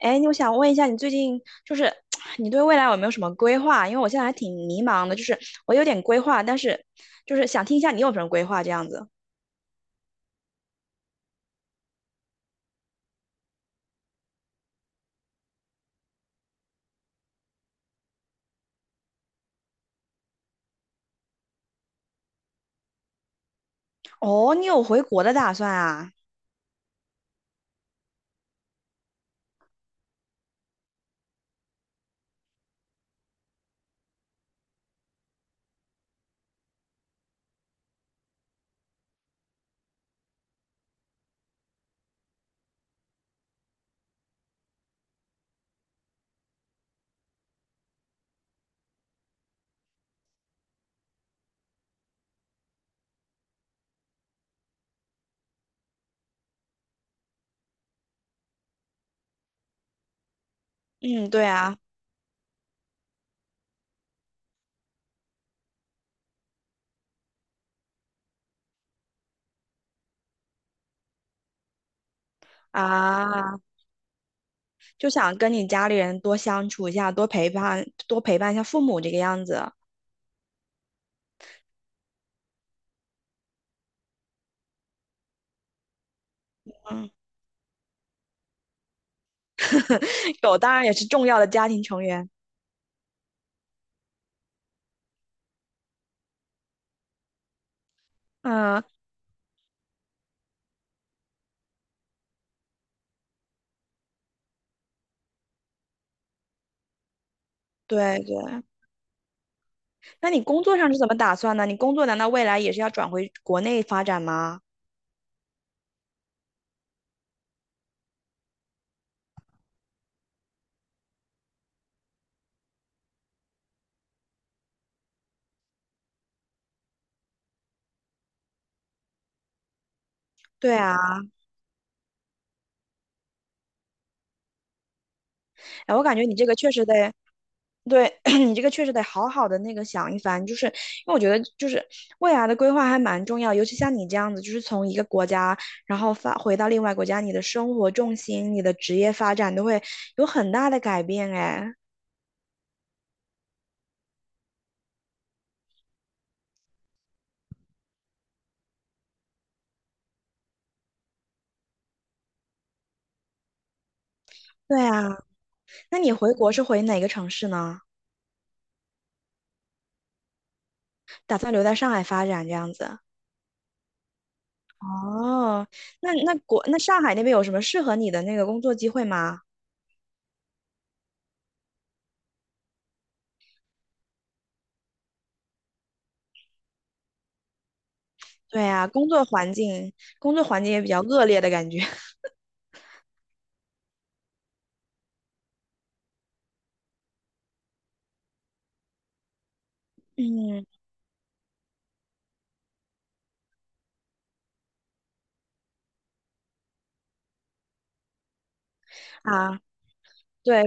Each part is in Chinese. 哎，我想问一下，你最近就是 你对未来有没有什么规划？因为我现在还挺迷茫的，就是我有点规划，但是就是想听一下你有什么规划这样子。哦，你有回国的打算啊？嗯，对啊，啊，就想跟你家里人多相处一下，多陪伴，多陪伴一下父母这个样子。嗯，狗当然也是重要的家庭成员。嗯，对对。那你工作上是怎么打算呢？你工作难道未来也是要转回国内发展吗？对啊，哎，我感觉你这个确实得。对 你这个确实得好好的那个想一番，就是因为我觉得就是未来的规划还蛮重要，尤其像你这样子，就是从一个国家然后发回到另外国家，你的生活重心、你的职业发展都会有很大的改变。哎，对啊，那你回国是回哪个城市呢？打算留在上海发展这样子？哦，那上海那边有什么适合你的那个工作机会吗？对啊，工作环境工作环境也比较恶劣的感觉。嗯啊。对，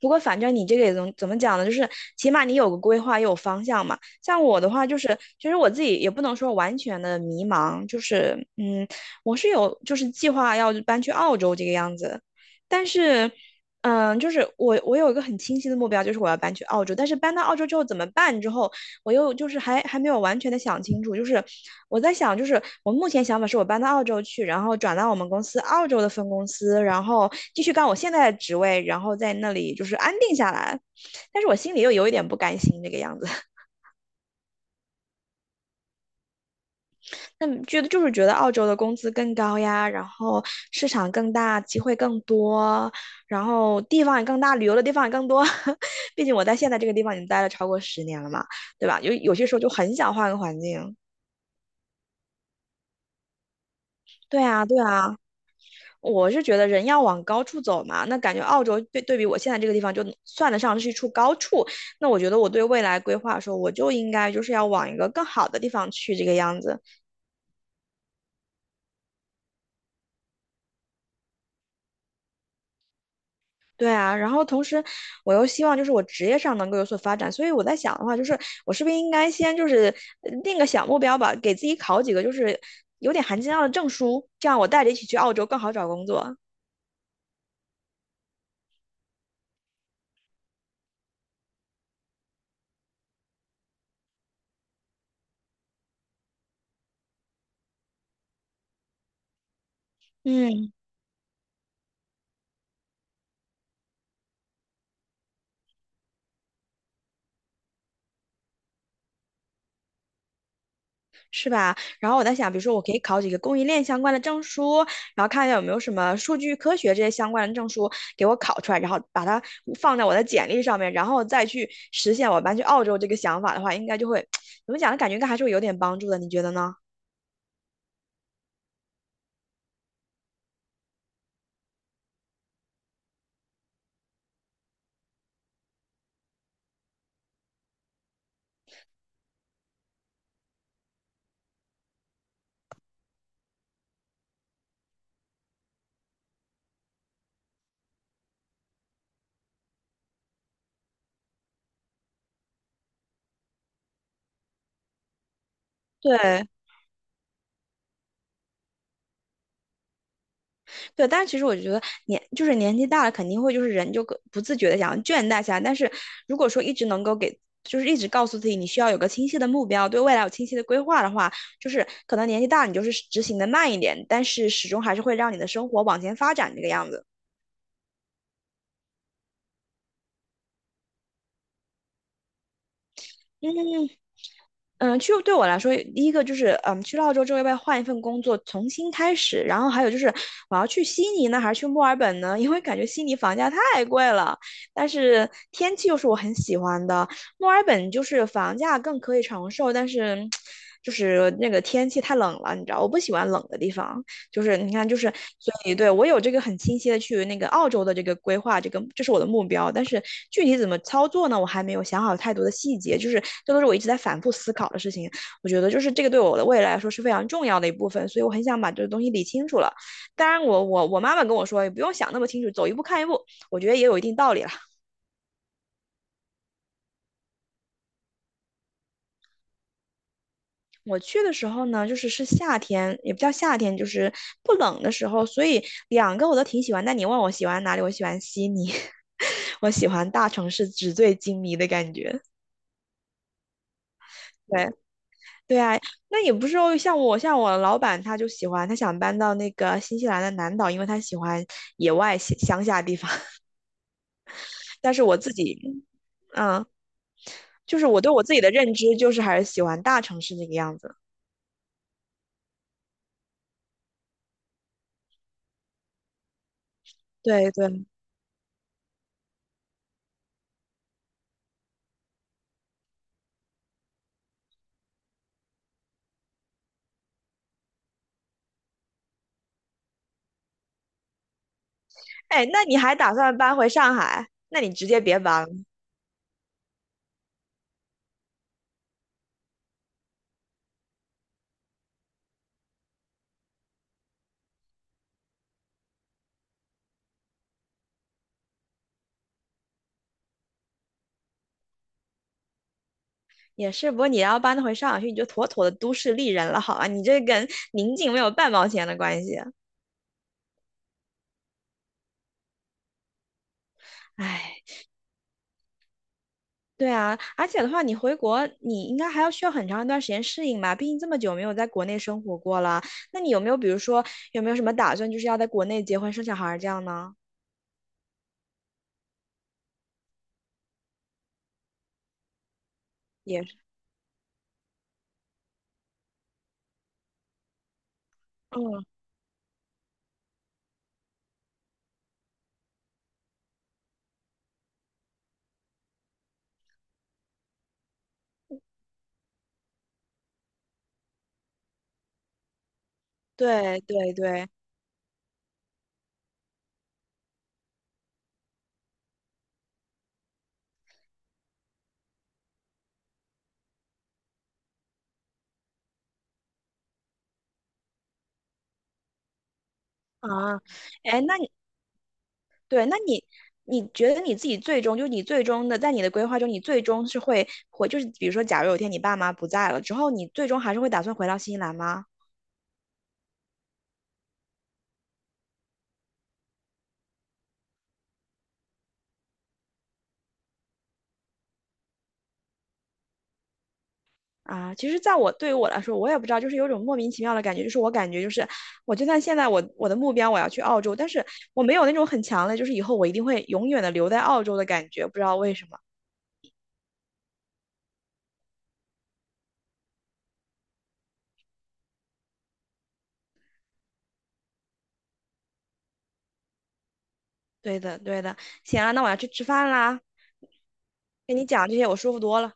不过反正你这个也怎么讲呢？就是起码你有个规划，也有方向嘛。像我的话，就是其实我自己也不能说完全的迷茫，就是嗯，我是有就是计划要搬去澳洲这个样子，但是。嗯，就是我，我有一个很清晰的目标，就是我要搬去澳洲。但是搬到澳洲之后怎么办？之后我又就是还没有完全的想清楚，就是我在想，就是我目前想法是我搬到澳洲去，然后转到我们公司澳洲的分公司，然后继续干我现在的职位，然后在那里就是安定下来。但是我心里又有一点不甘心这个样子，那觉得就是觉得澳洲的工资更高呀，然后市场更大，机会更多，然后地方也更大，旅游的地方也更多。毕竟我在现在这个地方已经待了超过十年了嘛，对吧？有些时候就很想换个环境。对啊，对啊。我是觉得人要往高处走嘛，那感觉澳洲对比我现在这个地方，就算得上是一处高处。那我觉得我对未来规划说，我就应该就是要往一个更好的地方去，这个样子。对啊，然后同时我又希望就是我职业上能够有所发展，所以我在想的话，就是我是不是应该先就是呃定个小目标吧，给自己考几个就是有点含金量的证书，这样我带着一起去澳洲更好找工作。嗯是吧？然后我在想，比如说我可以考几个供应链相关的证书，然后看一下有没有什么数据科学这些相关的证书给我考出来，然后把它放在我的简历上面，然后再去实现我搬去澳洲这个想法的话，应该就会 怎么讲呢？感觉应该还是会有点帮助的，你觉得呢？对，对，但是其实我就觉得年就是年纪大了，肯定会就是人就个不自觉的想要倦怠下来。但是如果说一直能够给，就是一直告诉自己你需要有个清晰的目标，对未来有清晰的规划的话，就是可能年纪大了你就是执行的慢一点，但是始终还是会让你的生活往前发展这个样子。嗯，嗯，去对我来说，第一个就是，嗯，去了澳洲之后要不要换一份工作，重新开始？然后还有就是，我要去悉尼呢，还是去墨尔本呢？因为感觉悉尼房价太贵了，但是天气又是我很喜欢的。墨尔本就是房价更可以承受，但是 就是那个天气太冷了，你知道，我不喜欢冷的地方。就是你看，就是所以对我有这个很清晰的去那个澳洲的这个规划，这个这是我的目标，但是具体怎么操作呢，我还没有想好太多的细节，就是这都是我一直在反复思考的事情。我觉得就是这个对我的未来来说是非常重要的一部分，所以我很想把这个东西理清楚了。当然我，我妈妈跟我说，也不用想那么清楚，走一步看一步，我觉得也有一定道理。了。我去的时候呢，就是是夏天，也不叫夏天，就是不冷的时候，所以两个我都挺喜欢。那你问我喜欢哪里，我喜欢悉尼，我喜欢大城市纸醉金迷的感觉。对对啊，那也不是说像我老板他就喜欢，他想搬到那个新西兰的南岛，因为他喜欢野外乡下地方。但是我自己，嗯，就是我对我自己的认知就是还是喜欢大城市那个样子。对对，哎，那你还打算搬回上海？那你直接别搬了。也是，不过你要搬回上海去，你就妥妥的都市丽人了，好吧？你这跟宁静没有半毛钱的关系。唉，对啊，而且的话，你回国，你应该还要需要很长一段时间适应吧？毕竟这么久没有在国内生活过了。那你有没有，比如说，有没有什么打算，就是要在国内结婚生小孩儿这样呢？也是，嗯，对对对，啊，哎，那你。对，那你你觉得你自己最终，就是你最终的，在你的规划中，你最终是会回，就是比如说，假如有一天你爸妈不在了之后，你最终还是会打算回到新西兰吗？啊，其实，在我对于我来说，我也不知道，就是有种莫名其妙的感觉，就是我感觉就是，我就算现在我的目标我要去澳洲，但是我没有那种很强的，就是以后我一定会永远的留在澳洲的感觉，不知道为什么。对的，对的，行啊，那我要去吃饭啦，跟你讲这些我舒服多了。